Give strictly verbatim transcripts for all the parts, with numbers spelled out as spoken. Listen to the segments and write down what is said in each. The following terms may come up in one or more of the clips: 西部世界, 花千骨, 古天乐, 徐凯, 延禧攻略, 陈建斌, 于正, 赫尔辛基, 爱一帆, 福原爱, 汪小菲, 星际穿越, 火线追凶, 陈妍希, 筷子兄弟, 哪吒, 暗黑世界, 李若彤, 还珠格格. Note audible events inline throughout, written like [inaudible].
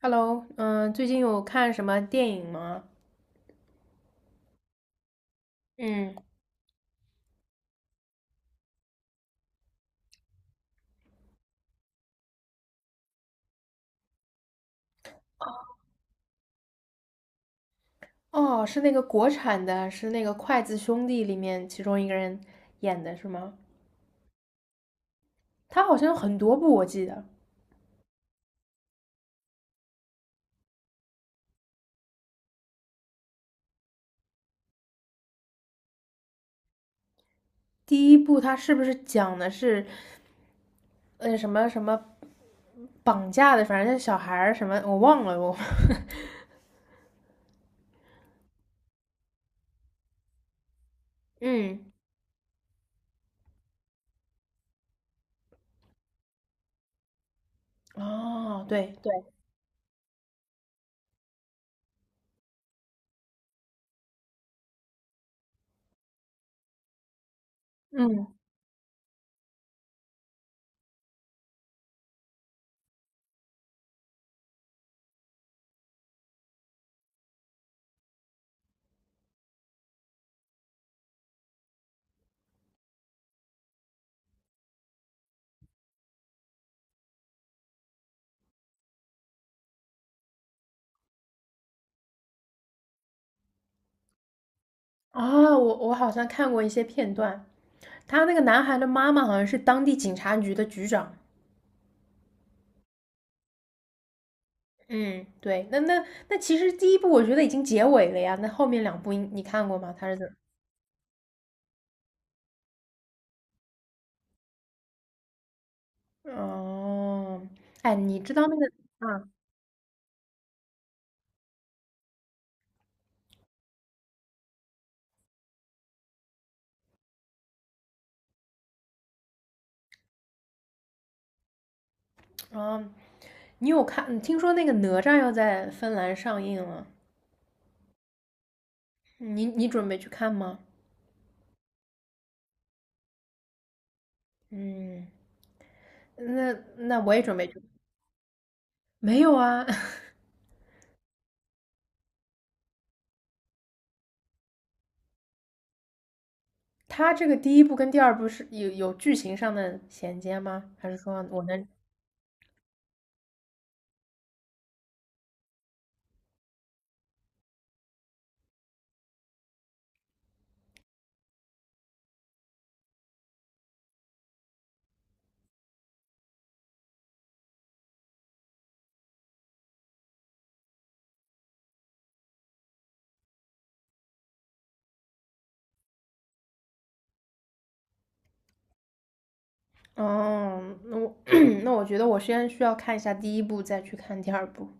Hello，嗯，最近有看什么电影吗？嗯，哦，是那个国产的，是那个筷子兄弟里面其中一个人演的，是吗？他好像有很多部，我记得第一部他是不是讲的是，呃，什么什么绑架的，反正是小孩儿什么，我忘了我。[laughs] 嗯，哦，对对，嗯，啊，我我好像看过一些片段，他那个男孩的妈妈好像是当地警察局的局长。嗯，对，那那那其实第一部我觉得已经结尾了呀，那后面两部应你看过吗？他是怎？哦，哎，你知道那个啊，啊？你有看？听说那个哪吒要在芬兰上映了，你你准备去看吗？嗯，那那我也准备去。没有啊，[laughs] 他这个第一部跟第二部是有有剧情上的衔接吗？还是说我能？哦，那我 [clears throat] 那我觉得我先需要看一下第一部，再去看第二部。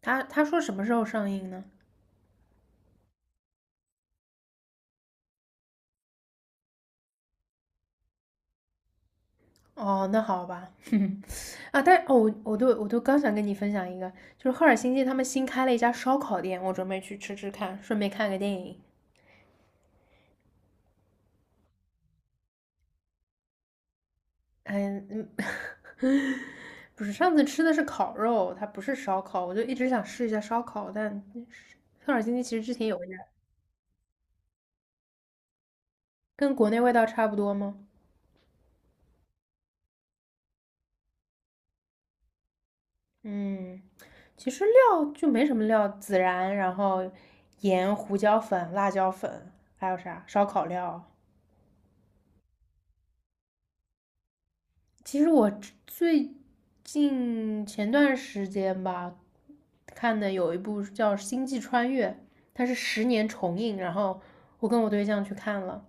他他说什么时候上映呢？哦，那好吧。啊，但哦，我我都我都刚想跟你分享一个，就是赫尔辛基他们新开了一家烧烤店，我准备去吃吃看，顺便看个电影。嗯嗯，[laughs] 不是，上次吃的是烤肉，它不是烧烤，我就一直想试一下烧烤，但赫尔辛基其实之前有一家，跟国内味道差不多吗？嗯，其实料就没什么料，孜然，然后盐、胡椒粉、辣椒粉，还有啥烧烤料，其实我最近前段时间吧，看的有一部叫《星际穿越》，它是十年重映，然后我跟我对象去看了。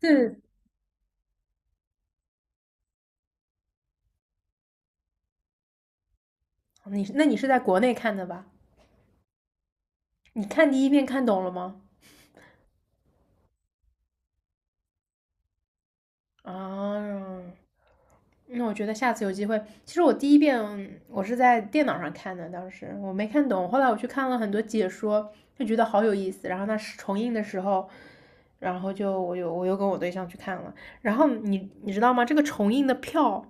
是，你那你是在国内看的吧？你看第一遍看懂了吗？啊，那我觉得下次有机会，其实我第一遍我是在电脑上看的，当时我没看懂，后来我去看了很多解说，就觉得好有意思。然后那是重映的时候，然后就我又我又跟我对象去看了。然后你你知道吗？这个重映的票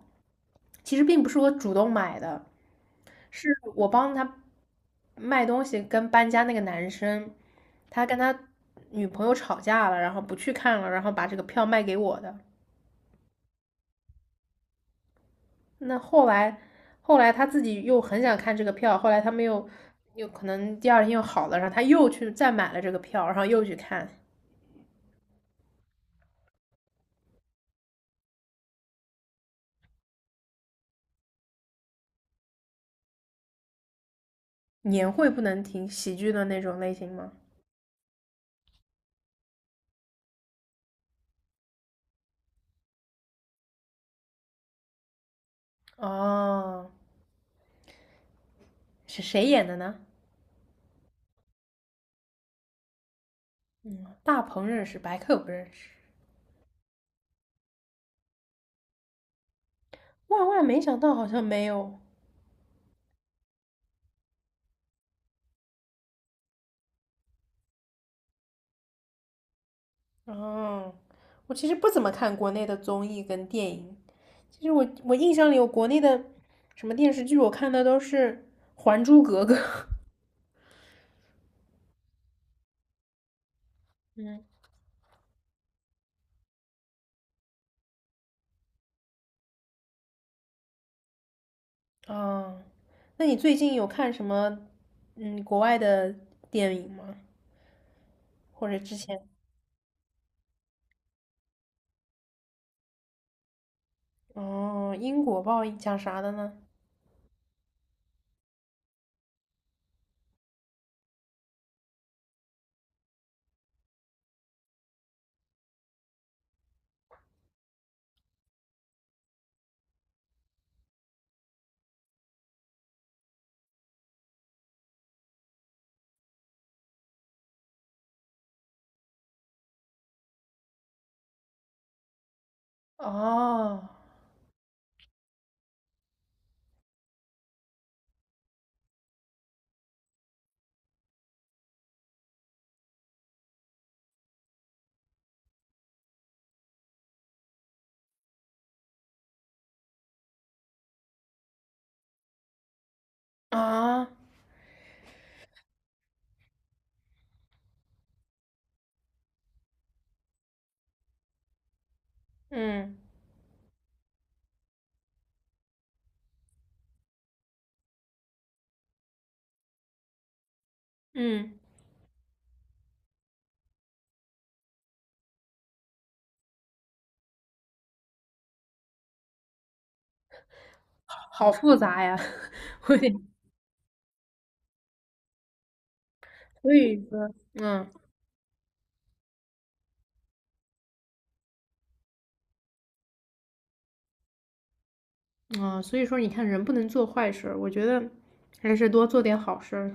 其实并不是我主动买的，是我帮他卖东西跟搬家那个男生，他跟他女朋友吵架了，然后不去看了，然后把这个票卖给我的。那后来，后来他自己又很想看这个票，后来他们又又可能第二天又好了，然后他又去再买了这个票，然后又去看年会不能停喜剧的那种类型吗？哦，是谁演的呢？大鹏认识，白客不认识。万万没想到，好像没有。哦，我其实不怎么看国内的综艺跟电影。其实我我印象里，我国内的什么电视剧我看的都是《还珠格格》。嗯，哦，那你最近有看什么嗯国外的电影吗？或者之前哦，因果报应讲啥的呢？哦啊，嗯嗯，好复杂呀，[laughs] 会得，所以说，嗯啊，所以说你看人不能做坏事儿，我觉得还是多做点好事儿。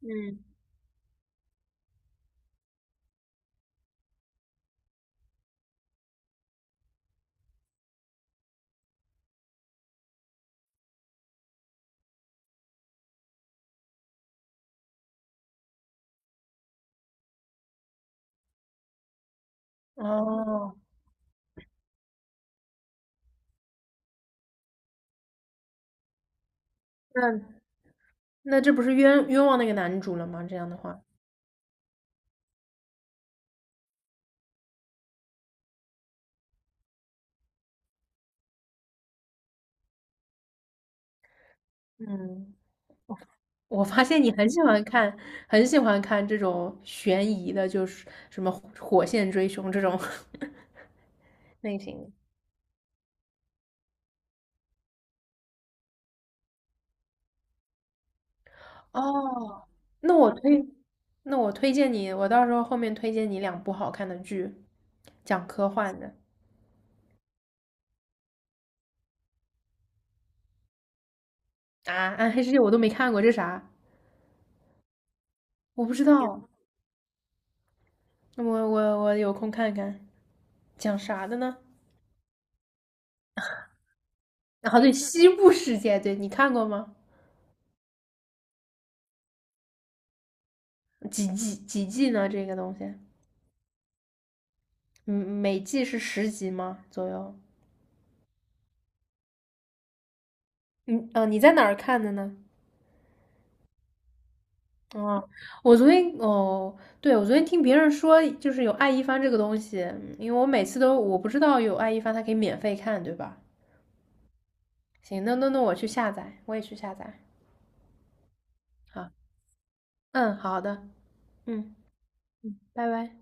嗯，哦，那那这不是冤冤枉那个男主了吗？这样的话，嗯。我发现你很喜欢看，很喜欢看这种悬疑的，就是什么《火线追凶》这种 [laughs] 类型的哦，那我推，那我推荐你，我到时候后面推荐你两部好看的剧，讲科幻的啊，《暗黑世界》我都没看过，这啥？我不知道，那我我我有空看看，讲啥的呢？啊，对，《西部世界》，对你看过吗？几季几季呢？这个东西，嗯，每季是十集吗？左右？嗯呃，你在哪儿看的呢？啊，我昨天哦，对，我昨天听别人说，就是有爱一帆这个东西，嗯因为我每次都我不知道有爱一帆，它可以免费看，对吧？行，那那那我去下载，我也去下载。好，嗯，好的，嗯嗯，拜拜。